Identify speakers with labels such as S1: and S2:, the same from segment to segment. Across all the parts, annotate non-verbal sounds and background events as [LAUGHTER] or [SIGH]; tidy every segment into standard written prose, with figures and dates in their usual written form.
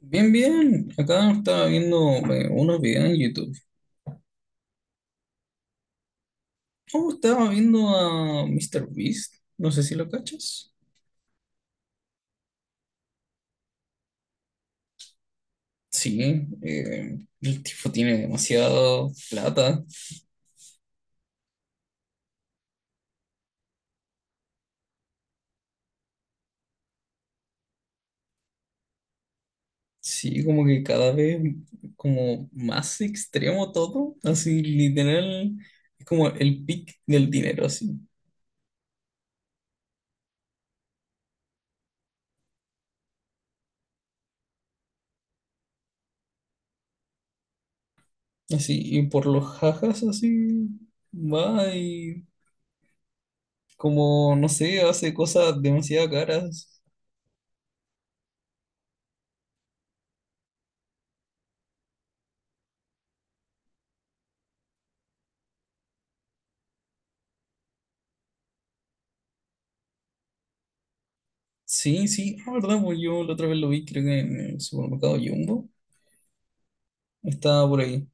S1: Bien, bien. Acá estaba viendo unos videos en YouTube. Oh, estaba viendo a Mr. Beast. No sé si lo cachas. Sí, el tipo tiene demasiada plata. Sí, como que cada vez como más extremo todo. Así, literal, es como el pic del dinero, así. Así, y por los jajas, así, va y como, no sé, hace cosas demasiado caras. Sí, sí, la verdad, pues yo la otra vez lo vi, creo que en el supermercado Jumbo. Estaba por ahí.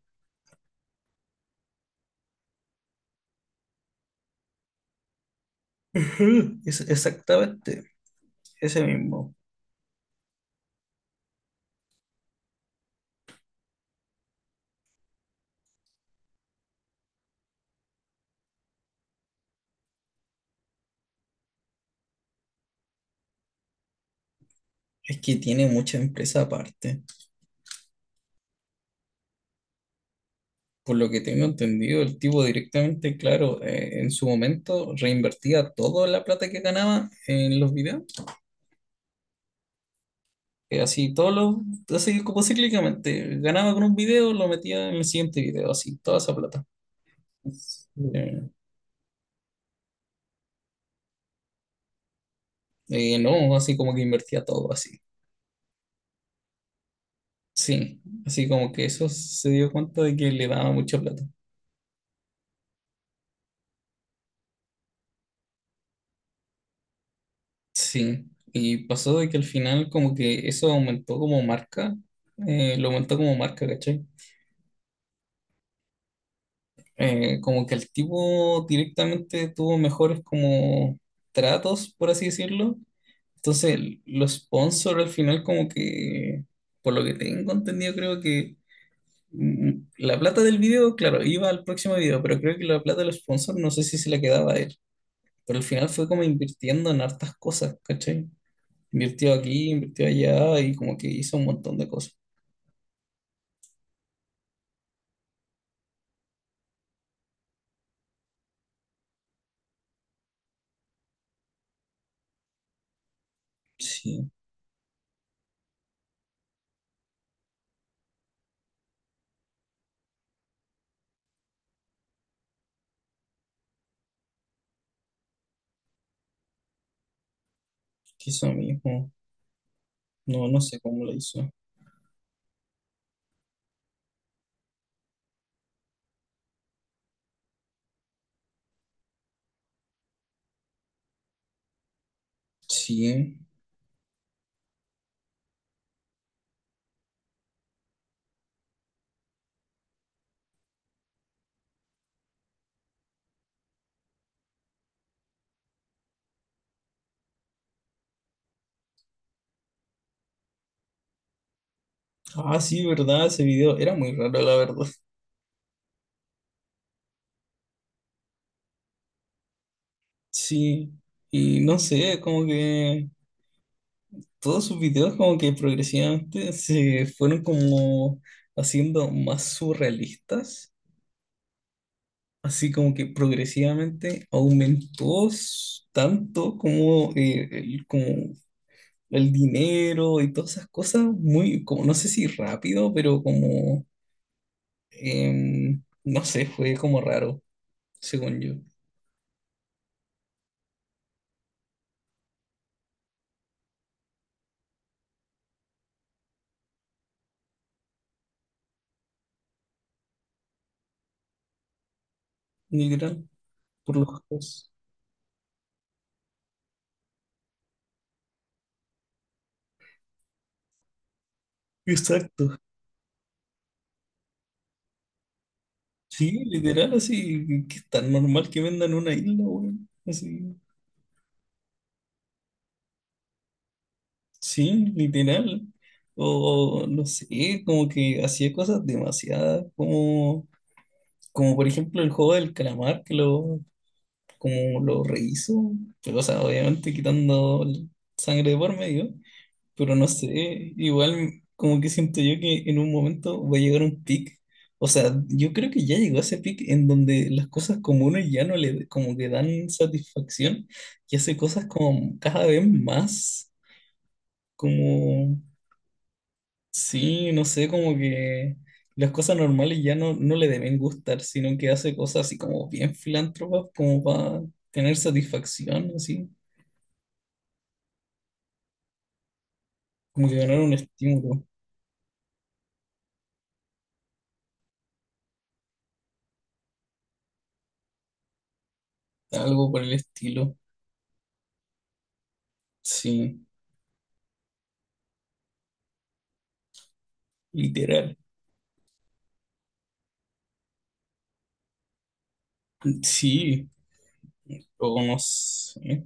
S1: Ujú. Es exactamente, ese mismo. Es que tiene mucha empresa aparte. Por lo que tengo entendido, el tipo directamente, claro, en su momento reinvertía toda la plata que ganaba en los videos. Así, todos los, así como cíclicamente. Ganaba con un video, lo metía en el siguiente video, así, toda esa plata. Eh, no, así como que invertía todo así. Sí, así como que eso se dio cuenta de que le daba mucha plata. Sí, y pasó de que al final como que eso aumentó como marca, lo aumentó como marca, ¿cachai? Como que el tipo directamente tuvo mejores como tratos, por así decirlo. Entonces los sponsors al final como que, por lo que tengo entendido, creo que la plata del video, claro, iba al próximo video, pero creo que la plata de los sponsors no sé si se la quedaba a él. Pero al final fue como invirtiendo en hartas cosas, ¿cachai? Invirtió aquí, invirtió allá y como que hizo un montón de cosas. Sí, hizo mismo. No, no sé cómo lo hizo. Sí. Ah, sí, verdad, ese video era muy raro, la verdad. Sí. Y no sé, como que todos sus videos como que progresivamente se fueron como haciendo más surrealistas. Así como que progresivamente aumentó tanto como, como el dinero y todas esas cosas muy, como no sé si rápido, pero como, no sé, fue como raro, según yo, literal, por los ojos. Exacto. Sí, literal, así, que es tan normal que vendan una isla, weón. Así, sí, literal. O no sé, como que hacía cosas demasiadas, como, como por ejemplo el juego del calamar, que lo, como lo rehizo. O sea, obviamente quitando sangre de por medio, pero no sé, igual como que siento yo que en un momento va a llegar un pic. O sea, yo creo que ya llegó ese pic en donde las cosas comunes ya no le como que dan satisfacción y hace cosas como cada vez más, como, sí, no sé, como que las cosas normales ya no, no le deben gustar, sino que hace cosas así como bien filántropas, como para tener satisfacción, así. Como que ganar un estímulo, algo por el estilo. Sí, literal. Sí, o no sé.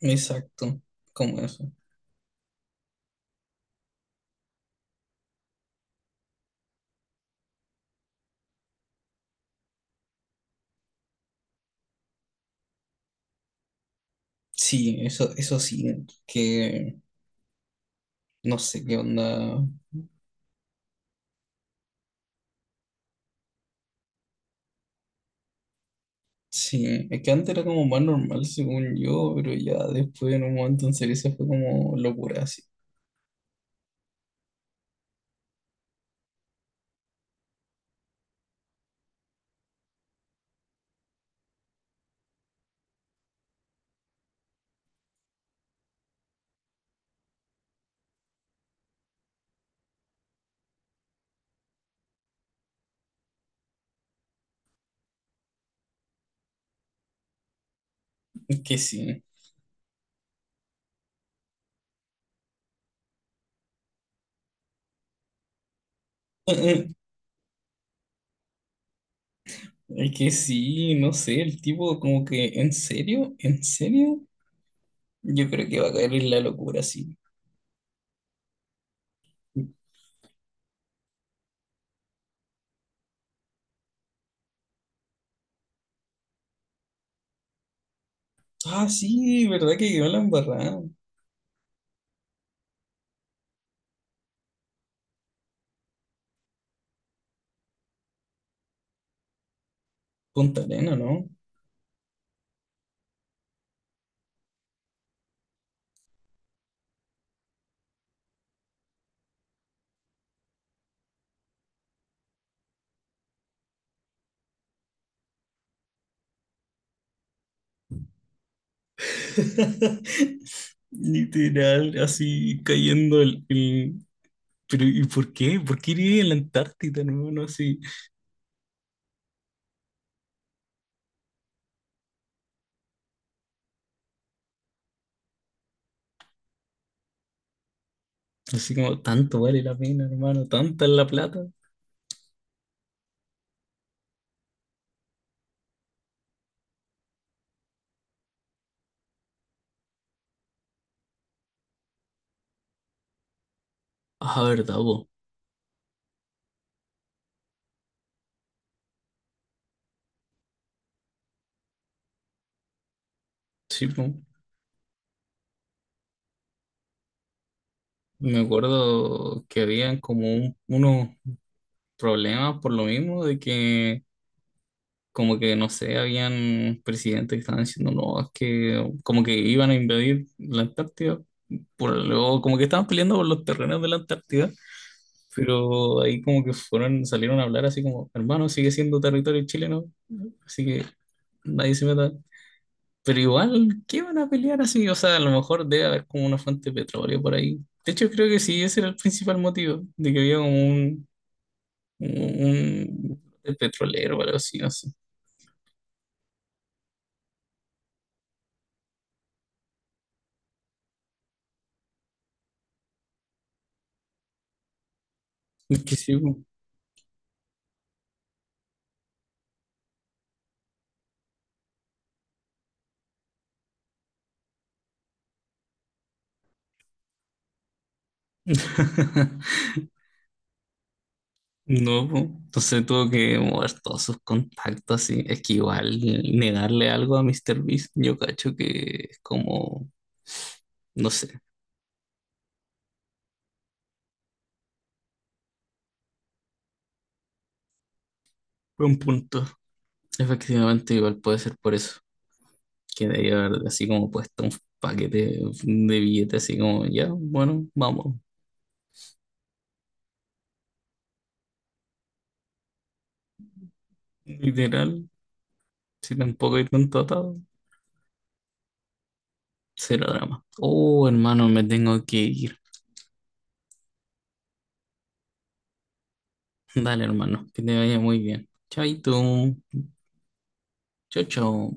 S1: Exacto, como eso. Sí, eso sí, que no sé qué onda. Sí, es que antes era como más normal según yo, pero ya después en un momento en serio se fue como locura, así. Es que sí. [LAUGHS] Es que sí, no sé, el tipo como que en serio, yo creo que va a caer en la locura, sí. Ah, sí, verdad que quedó la embarrada. Punta Arena, ¿no? [LAUGHS] Literal, así cayendo el, pero, ¿y por qué? ¿Por qué iría a la Antártida, hermano? Así, así como tanto vale la pena, hermano, tanta es la plata. Ah, verdad, po. Sí, po. Me acuerdo que habían como unos problemas por lo mismo de que, como que, no sé, habían presidentes que estaban diciendo, no, es que como que iban a invadir la Antártida por lo, como que estaban peleando por los terrenos de la Antártida, pero ahí como que fueron, salieron a hablar así como, hermano, sigue siendo territorio chileno, así que nadie se meta. Pero igual, ¿qué van a pelear así? O sea, a lo mejor debe haber como una fuente de petróleo por ahí. De hecho, creo que sí, ese era el principal motivo, de que había como un, un petrolero o algo así, no sé. Es que sí, po. [LAUGHS] No, po. Entonces tuvo que mover todos sus contactos y es que igual negarle algo a Mr. Beast, yo cacho que es como, no sé, buen punto. Efectivamente, igual puede ser por eso, que debería haber así como puesto un paquete de billetes así como, ya, bueno, vamos, literal, si tampoco hay tanto atado, cero drama. Oh, hermano, me tengo que ir. Dale, hermano, que te vaya muy bien. Chaito, chao, chao.